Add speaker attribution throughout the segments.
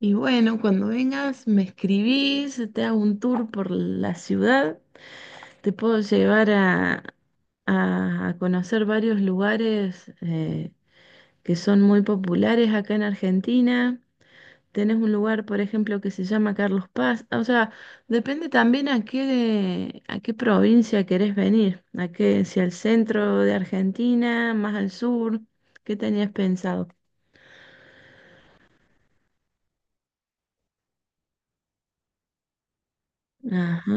Speaker 1: Y bueno, cuando vengas me escribís, te hago un tour por la ciudad, te puedo llevar a conocer varios lugares que son muy populares acá en Argentina. Tenés un lugar, por ejemplo, que se llama Carlos Paz. Ah, o sea, depende también a qué provincia querés venir, a qué, si al centro de Argentina, más al sur, ¿qué tenías pensado? Ajá,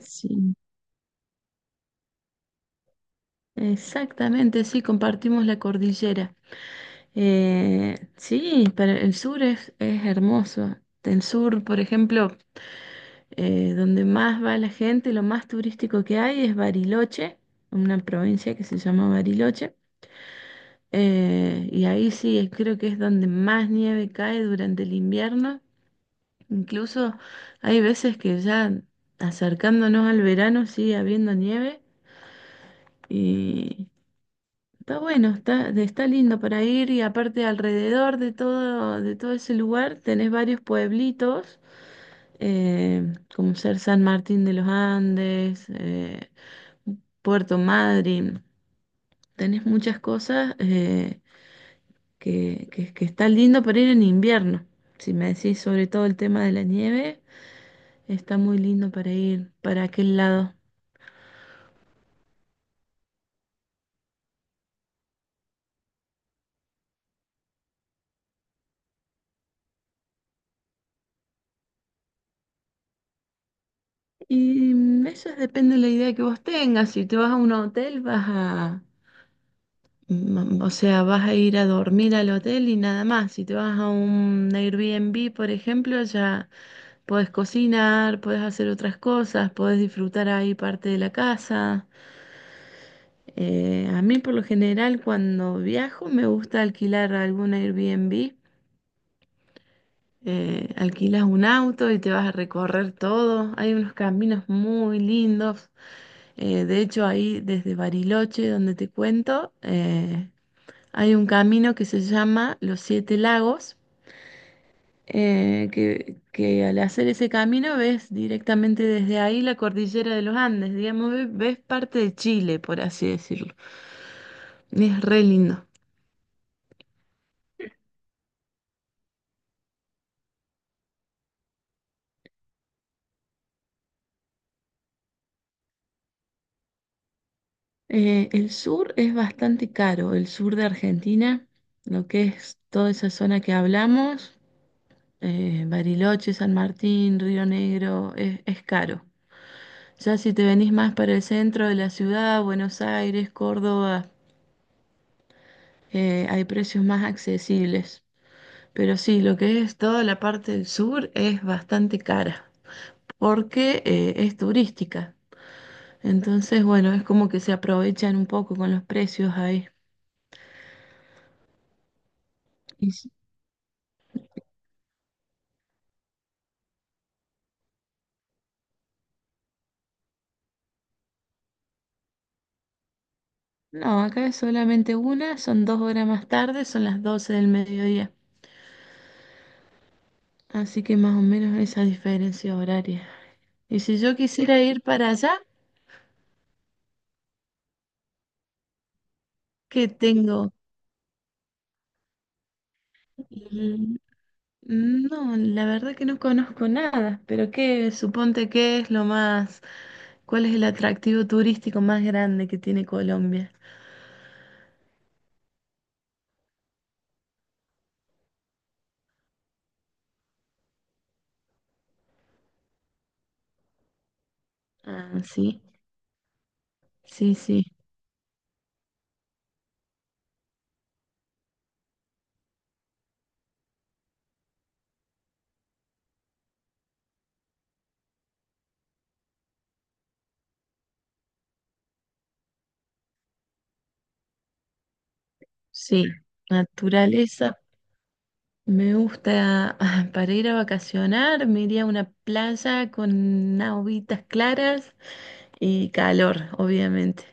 Speaker 1: sí. Exactamente, sí, compartimos la cordillera. Sí, pero el sur es hermoso. El sur, por ejemplo, donde más va la gente, lo más turístico que hay es Bariloche, una provincia que se llama Bariloche. Y ahí sí, creo que es donde más nieve cae durante el invierno. Incluso hay veces que ya acercándonos al verano sigue habiendo nieve. Está bueno, está lindo para ir y aparte alrededor de todo ese lugar tenés varios pueblitos, como ser San Martín de los Andes, Puerto Madryn, tenés muchas cosas que está lindo para ir en invierno. Si me decís sobre todo el tema de la nieve, está muy lindo para ir para aquel lado. Y eso depende de la idea que vos tengas, si te vas a un hotel vas a... Mm, o sea, vas a ir a dormir al hotel y nada más. Si te vas a un Airbnb, por ejemplo, ya podés cocinar, podés hacer otras cosas, podés disfrutar ahí parte de la casa. A mí, por lo general, cuando viajo, me gusta alquilar algún Airbnb. Alquilas un auto y te vas a recorrer todo. Hay unos caminos muy lindos. De hecho, ahí desde Bariloche, donde te cuento, hay un camino que se llama Los Siete Lagos, que al hacer ese camino ves directamente desde ahí la cordillera de los Andes, digamos, ves parte de Chile, por así decirlo. Es re lindo. El sur es bastante caro, el sur de Argentina, lo que es toda esa zona que hablamos, Bariloche, San Martín, Río Negro, es caro. Ya si te venís más para el centro de la ciudad, Buenos Aires, Córdoba. Hay precios más accesibles. Pero sí, lo que es toda la parte del sur es bastante cara porque es turística. Entonces, bueno, es como que se aprovechan un poco con los precios ahí. Y s- No, acá es solamente una, son dos horas más tarde, son las 12 del mediodía. Así que más o menos esa diferencia horaria. Y si yo quisiera ir para allá, ¿qué tengo? Mm, no, la verdad que no conozco nada, pero qué, suponte qué es lo más, cuál es el atractivo turístico más grande que tiene Colombia. Ah, sí, sí, sí, sí. Naturaleza. Me gusta ah, para ir a vacacionar, me iría a una playa con aguitas claras y calor, obviamente.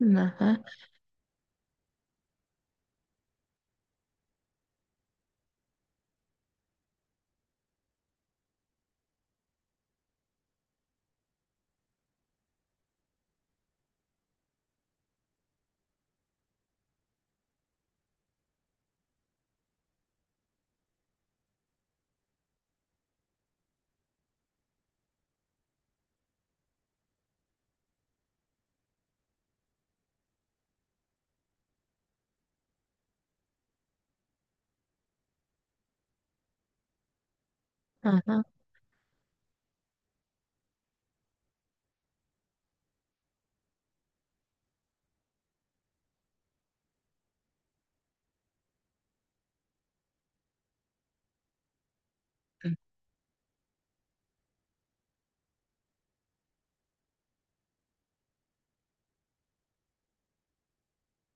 Speaker 1: Ajá, ajá,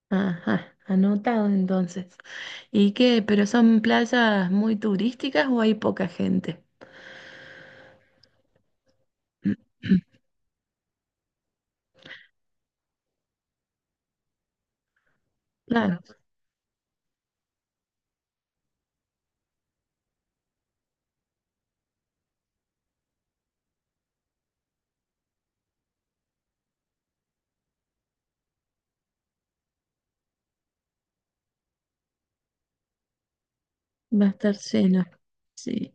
Speaker 1: ajá. Anotado entonces. ¿Y qué? ¿Pero son playas muy turísticas o hay poca gente? Claro, va a estar lleno. Sí,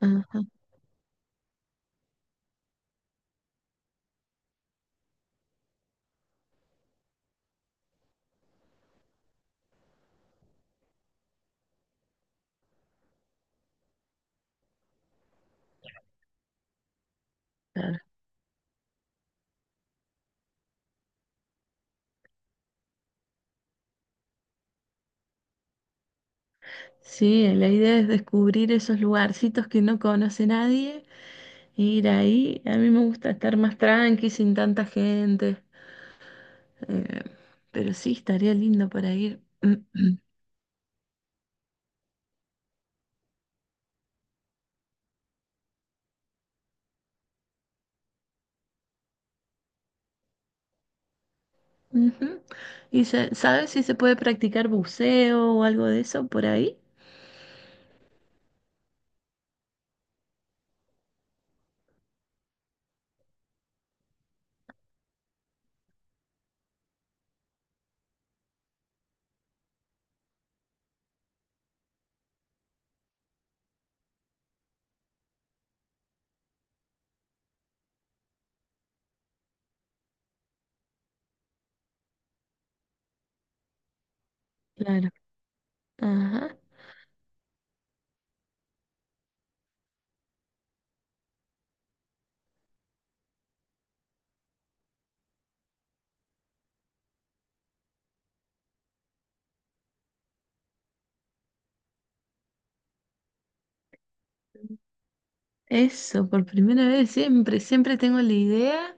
Speaker 1: ajá, claro. Sí, la idea es descubrir esos lugarcitos que no conoce nadie, e ir ahí. A mí me gusta estar más tranqui, sin tanta gente. eh, pero sí, estaría lindo para ir. Ujú. Sabes si se puede practicar buceo o algo de eso por ahí? Claro. Ajá. Eso, por primera vez, siempre, siempre tengo la idea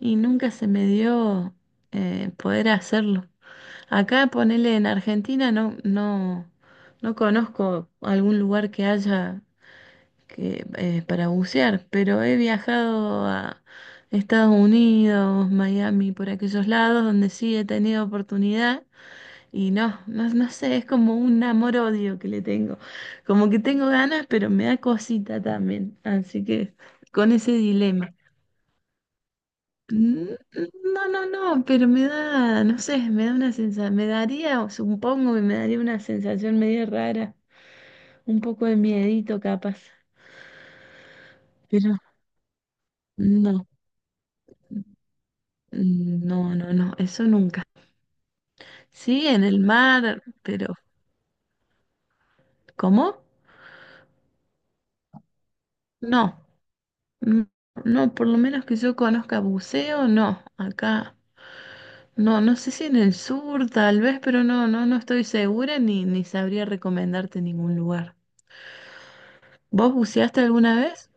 Speaker 1: y nunca se me dio poder hacerlo. Acá ponele en Argentina no conozco algún lugar que haya que, para bucear, pero he viajado a Estados Unidos, Miami, por aquellos lados donde sí he tenido oportunidad y no sé, es como un amor-odio que le tengo. Como que tengo ganas, pero me da cosita también, así que con ese dilema. Mm, no, no, no, pero me da, no sé, me da una sensación, me daría, o supongo que me daría una sensación medio rara, un poco de miedito capaz, pero no, mm, no, no, no, eso nunca. Sí, en el mar, pero ¿cómo? No, mm, no, por lo menos que yo conozca buceo, no, acá, no, no sé si en el sur tal vez, pero no estoy segura ni sabría recomendarte ningún lugar. ¿Vos buceaste alguna vez?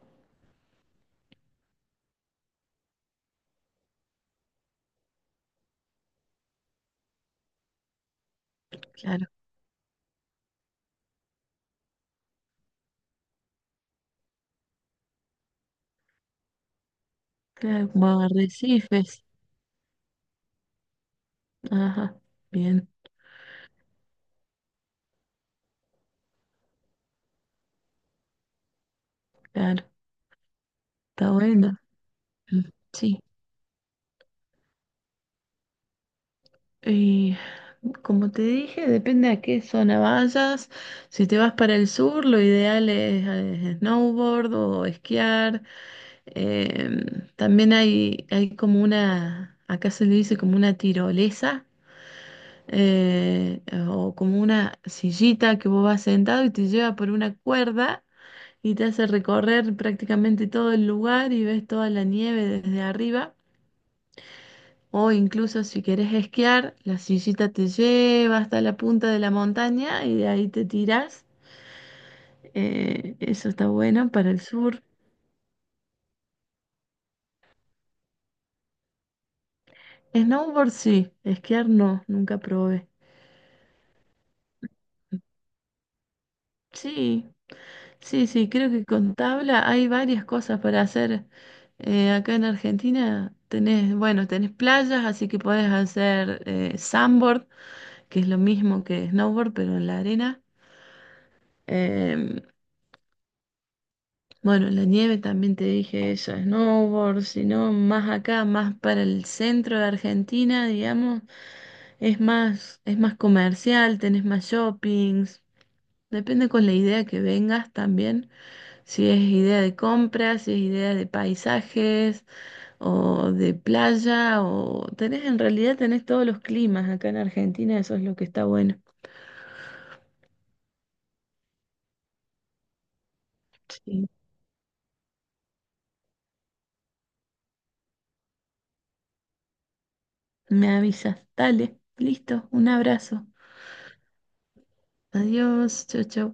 Speaker 1: Claro. Claro, como arrecifes. Ajá, bien, claro, está bueno. Mm, sí. Y como te dije, depende a qué zona vayas. Si te vas para el sur, lo ideal es, snowboard o esquiar. Em, también hay como una, acá se le dice como una tirolesa. eh, o como una sillita que vos vas sentado y te lleva por una cuerda y te hace recorrer prácticamente todo el lugar y ves toda la nieve desde arriba. O incluso si querés esquiar, la sillita te lleva hasta la punta de la montaña y de ahí te tirás. Eso está bueno para el sur. Snowboard sí, esquiar no, nunca probé. Sí, sí, sí, creo que con tabla hay varias cosas para hacer. Acá en Argentina tenés, bueno, tenés playas, así que podés hacer sandboard, que es lo mismo que snowboard, pero en la arena. Em, bueno, en la nieve también te dije eso, snowboard, sino más acá, más para el centro de Argentina, digamos, es más comercial, tenés más shoppings. Depende con la idea que vengas también, si es idea de compras, si es idea de paisajes o de playa, o tenés, en realidad tenés todos los climas acá en Argentina, eso es lo que está bueno. Sí. Me avisas. Dale, listo. Un abrazo. Adiós. Chau, chau.